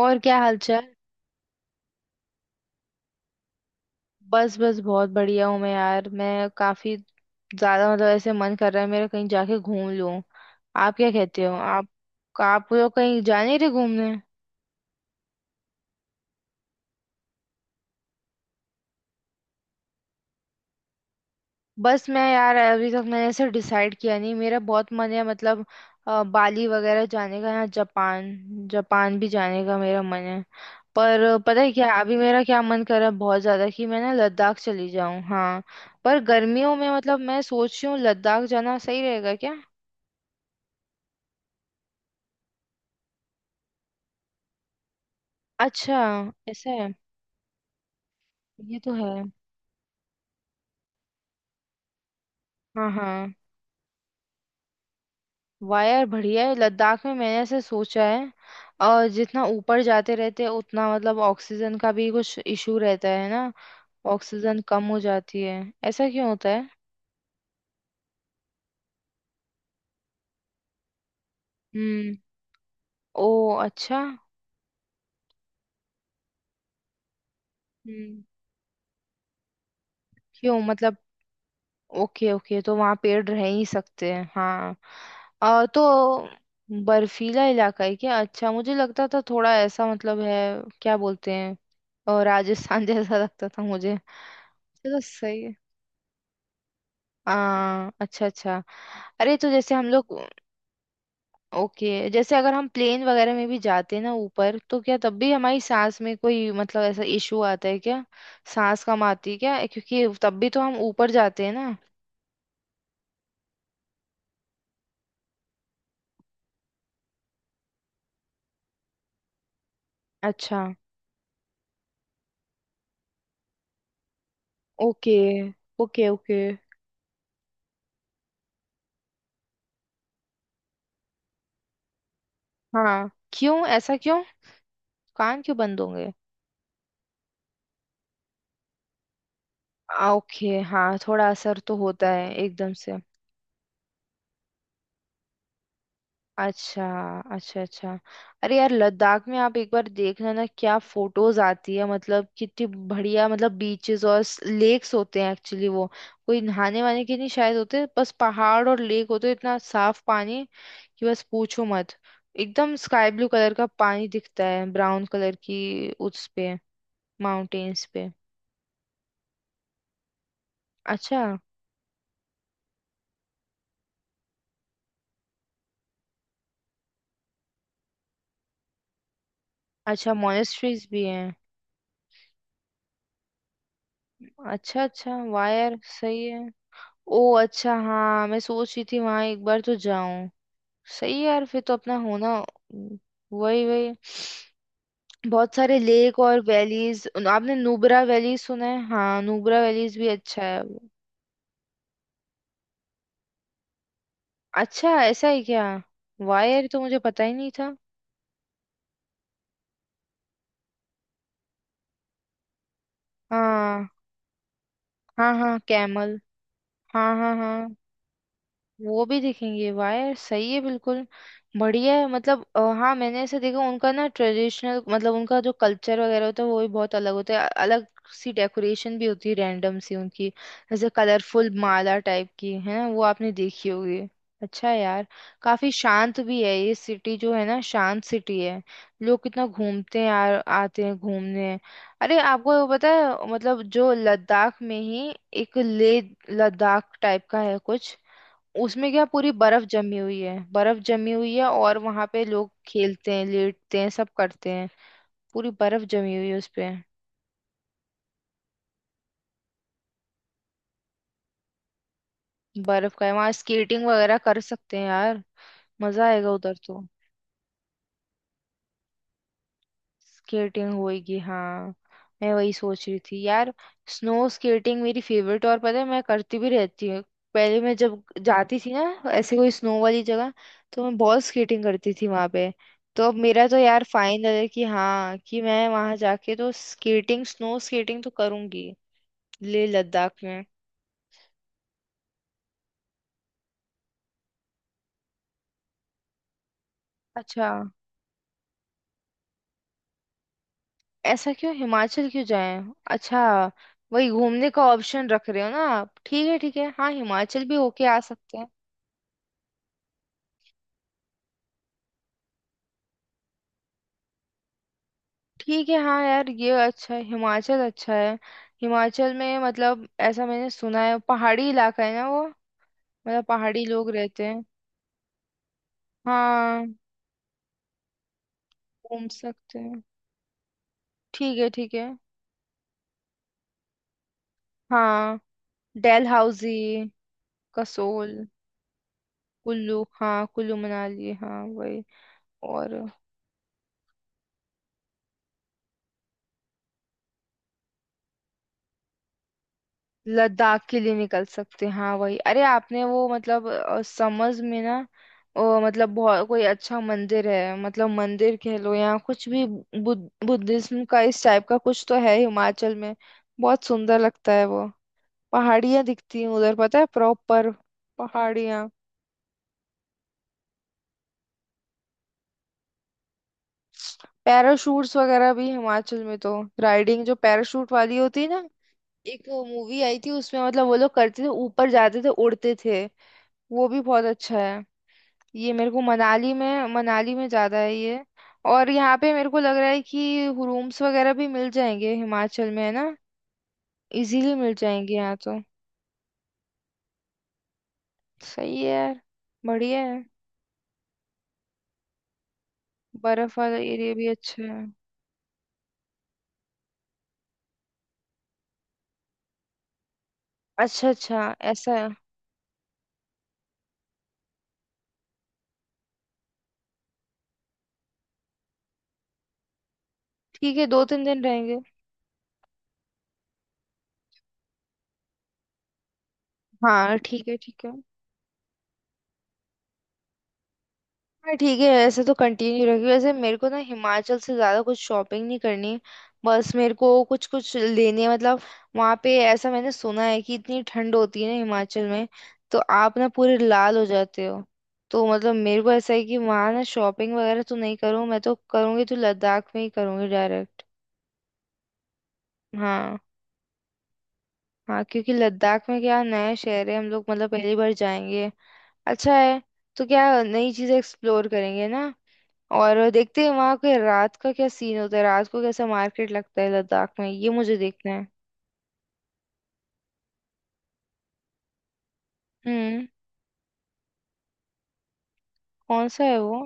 और क्या हालचाल। बस बस बहुत बढ़िया हूँ मैं यार। मैं काफी ज्यादा मतलब ऐसे मन कर रहा है मेरा कहीं जाके घूम लूं। आप क्या कहते हो आप? आप लोग कहीं जा नहीं रहे घूमने? बस मैं यार अभी तक मैंने ऐसे डिसाइड किया नहीं। मेरा बहुत मन है मतलब बाली वगैरह जाने का या जापान। जापान भी जाने का मेरा मन है। पर पता है क्या अभी मेरा क्या मन कर रहा है बहुत ज्यादा, कि मैं ना लद्दाख चली जाऊं। हाँ, पर गर्मियों में मतलब मैं सोच रही हूँ लद्दाख जाना सही रहेगा क्या? अच्छा, ऐसा है? ये तो है। हाँ हाँ। वाह यार बढ़िया है। लद्दाख में मैंने ऐसे सोचा है। और जितना ऊपर जाते रहते हैं उतना मतलब ऑक्सीजन का भी कुछ इशू रहता है ना। ऑक्सीजन कम हो जाती है। ऐसा क्यों होता है? हम्म। ओ अच्छा। हम्म। क्यों मतलब? ओके ओके, तो वहाँ पेड़ रह ही सकते हैं हाँ। तो बर्फीला इलाका है क्या? अच्छा, मुझे लगता था थोड़ा ऐसा मतलब है क्या बोलते हैं और राजस्थान जैसा लगता था मुझे। चलो सही है। अच्छा अच्छा। अरे तो जैसे हम लोग, ओके जैसे अगर हम प्लेन वगैरह में भी जाते हैं ना ऊपर, तो क्या तब भी हमारी सांस में कोई मतलब ऐसा इशू आता है क्या? सांस कम आती है क्या, क्योंकि तब भी तो हम ऊपर जाते हैं ना। अच्छा। Okay okay okay. हाँ क्यों, ऐसा क्यों? कान क्यों बंद होंगे? ओके हाँ थोड़ा असर तो होता है एकदम से। अच्छा। अच्छा अच्छा। अरे यार लद्दाख में आप एक बार देखना ना, क्या फोटोज आती है मतलब कितनी बढ़िया। मतलब बीचेस और लेक्स होते हैं एक्चुअली वो। कोई नहाने वाने के नहीं शायद होते, बस पहाड़ और लेक होते हैं, इतना साफ पानी कि बस पूछो मत। एकदम स्काई ब्लू कलर का पानी दिखता है, ब्राउन कलर की उस पे माउंटेन्स पे। अच्छा, अच्छा मोनेस्ट्रीज भी हैं? अच्छा अच्छा, वाह यार सही है। ओ अच्छा, हाँ मैं सोच रही थी वहां एक बार तो जाऊं। सही है यार, फिर तो अपना होना। वही वही। बहुत सारे लेक और वैलीज। आपने नुब्रा वैली सुना है? हाँ नुब्रा वैलीज भी अच्छा है। अच्छा ऐसा है क्या? वायर तो मुझे पता ही नहीं था। हाँ हाँ हाँ कैमल। हाँ हाँ हाँ वो भी दिखेंगे, वाह यार सही है बिल्कुल। बढ़िया है। मतलब हाँ मैंने ऐसे देखा उनका ना, ट्रेडिशनल मतलब उनका जो कल्चर वगैरह होता है वो भी बहुत अलग होता है। अलग सी डेकोरेशन भी होती है रैंडम सी उनकी। जैसे कलरफुल माला टाइप की है ना, वो आपने देखी होगी। अच्छा है यार। काफी शांत भी है ये सिटी जो है ना, शांत सिटी है। लोग कितना घूमते हैं यार, आते हैं घूमने। अरे आपको वो पता है मतलब जो लद्दाख में ही एक लेह लद्दाख टाइप का है कुछ, उसमें क्या पूरी बर्फ जमी हुई है। बर्फ जमी हुई है और वहां पे लोग खेलते हैं, लेटते हैं, सब करते हैं। पूरी बर्फ जमी हुई है उसपे। बर्फ का है, वहां स्केटिंग वगैरह कर सकते हैं यार। मजा आएगा उधर तो। स्केटिंग होएगी हाँ। मैं वही सोच रही थी यार। स्नो स्केटिंग मेरी फेवरेट, और पता है मैं करती भी रहती हूँ। पहले मैं जब जाती थी ना ऐसे कोई स्नो वाली जगह, तो मैं बहुत स्केटिंग करती थी वहां पे। तो अब मेरा तो यार फाइनल है कि हाँ, कि मैं वहां जाके तो स्केटिंग स्नो स्केटिंग तो करूंगी। लेह लद्दाख में। अच्छा, ऐसा क्यों, हिमाचल क्यों जाएं? अच्छा, वही घूमने का ऑप्शन रख रहे हो ना आप, ठीक है ठीक है, हाँ हिमाचल भी होके आ सकते हैं। ठीक है हाँ यार, ये अच्छा है, हिमाचल अच्छा है। हिमाचल में मतलब ऐसा मैंने सुना है पहाड़ी इलाका है ना वो, मतलब पहाड़ी लोग रहते हैं। हाँ, घूम सकते हैं, ठीक है ठीक है। हाँ, डलहौजी, कसोल, कुल्लू, हाँ कुल्लू मनाली हाँ वही। और लद्दाख के लिए निकल सकते हैं हाँ वही। अरे आपने वो मतलब समझ में ना, मतलब बहुत कोई अच्छा मंदिर है, मतलब मंदिर कह लो या कुछ भी, बुद्ध बुद्धिज्म का इस टाइप का कुछ तो है हिमाचल में। बहुत सुंदर लगता है वो। पहाड़ियाँ दिखती हैं उधर, पता है प्रॉपर पहाड़ियाँ। पैराशूट्स वगैरह भी हिमाचल में तो राइडिंग जो पैराशूट वाली होती है ना। एक मूवी आई थी उसमें मतलब वो लोग करते थे, ऊपर जाते थे, उड़ते थे। वो भी बहुत अच्छा है। ये मेरे को मनाली में, मनाली में ज्यादा है ये। और यहाँ पे मेरे को लग रहा है कि रूम्स वगैरह भी मिल जाएंगे हिमाचल में है ना, इजीली मिल जाएंगे यहाँ तो। सही है यार। बढ़िया है। बर्फ वाला एरिया भी अच्छा है। अच्छा अच्छा ऐसा है। ठीक है, दो तीन दिन रहेंगे। हाँ ठीक है ठीक है। हाँ ठीक है, ऐसे तो कंटिन्यू रखिए। वैसे मेरे को ना हिमाचल से ज़्यादा कुछ शॉपिंग नहीं करनी। बस मेरे को कुछ कुछ लेने मतलब, वहाँ पे ऐसा मैंने सुना है कि इतनी ठंड होती है ना हिमाचल में, तो आप ना पूरे लाल हो जाते हो। तो मतलब मेरे को ऐसा है कि वहाँ ना शॉपिंग वगैरह तो नहीं करूँ मैं, तो करूँगी तो लद्दाख में ही करूँगी डायरेक्ट। हाँ। हाँ क्योंकि लद्दाख में क्या नया शहर है, हम लोग मतलब पहली बार जाएंगे। अच्छा है। तो क्या नई चीज़ें एक्सप्लोर करेंगे ना। और देखते हैं वहां के रात का क्या सीन होता है, रात को कैसा मार्केट लगता है लद्दाख में, ये मुझे देखना है। हम्म, कौन सा है वो?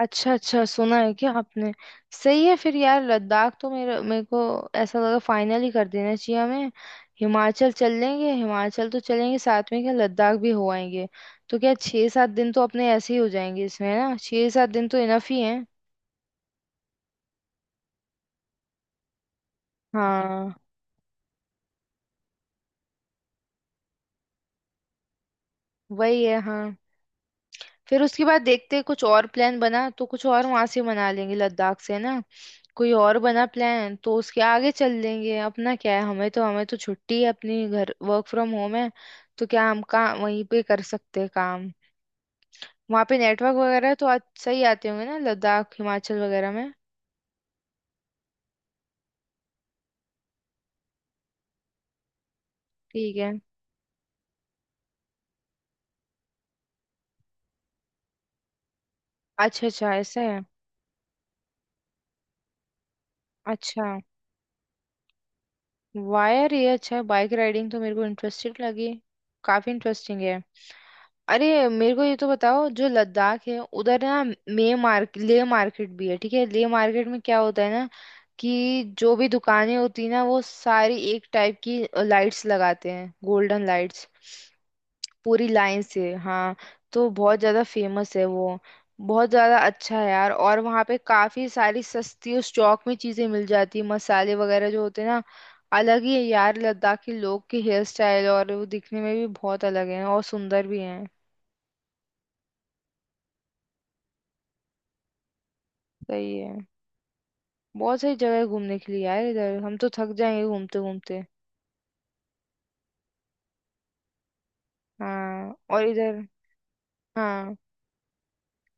अच्छा अच्छा, सुना है क्या आपने? सही है फिर यार, लद्दाख तो मेरे मेरे को ऐसा लगा फाइनल ही कर देना चाहिए हमें। हिमाचल चल लेंगे, हिमाचल तो चलेंगे, साथ में क्या लद्दाख भी हो आएंगे। तो क्या छः सात दिन तो अपने ऐसे ही हो जाएंगे इसमें है ना, छः सात दिन तो इनफ ही है। हाँ वही है हाँ। फिर उसके बाद देखते हैं, कुछ और प्लान बना तो कुछ और वहां से मना लेंगे लद्दाख से ना। कोई और बना प्लान तो उसके आगे चल लेंगे। अपना क्या है, हमें तो, हमें तो छुट्टी है अपनी, घर वर्क फ्रॉम होम है, तो क्या हम काम वहीं पे कर सकते हैं काम। वहां पे नेटवर्क वगैरह तो अच्छा ही आते होंगे ना लद्दाख हिमाचल वगैरह में। ठीक है। अच्छा अच्छा ऐसा है। अच्छा, वायर ये अच्छा है, बाइक राइडिंग तो मेरे को इंटरेस्टिंग लगी। काफी इंटरेस्टिंग है। अरे मेरे को ये तो बताओ जो लद्दाख है उधर ना, मे मार्केट ले मार्केट भी है, ठीक है ले मार्केट में क्या होता है ना, कि जो भी दुकानें होती है ना, वो सारी एक टाइप की लाइट्स लगाते हैं, गोल्डन लाइट्स, पूरी लाइन से हाँ। तो बहुत ज्यादा फेमस है वो। बहुत ज्यादा अच्छा है यार, और वहाँ पे काफी सारी सस्ती उस चौक में चीजें मिल जाती है, मसाले वगैरह जो होते हैं ना। अलग ही है यार लद्दाखी लोग के हेयर स्टाइल, और वो दिखने में भी बहुत अलग है और सुंदर भी है। सही है। बहुत सारी जगह है घूमने के लिए यार इधर, हम तो थक जाएंगे घूमते घूमते। हाँ और इधर, हाँ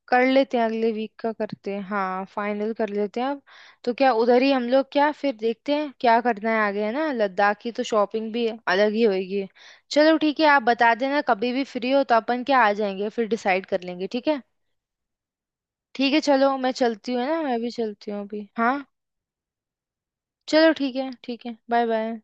कर लेते हैं, अगले वीक का करते हैं हाँ, फाइनल कर लेते हैं अब। तो क्या उधर ही हम लोग क्या फिर देखते हैं क्या करना है आगे है ना, लद्दाख की तो शॉपिंग भी अलग ही होगी। चलो ठीक है, आप बता देना कभी भी फ्री हो तो अपन क्या आ जाएंगे फिर, डिसाइड कर लेंगे। ठीक है ठीक है। चलो मैं चलती हूँ है ना, मैं भी चलती हूँ अभी हाँ। चलो ठीक है ठीक है, बाय बाय।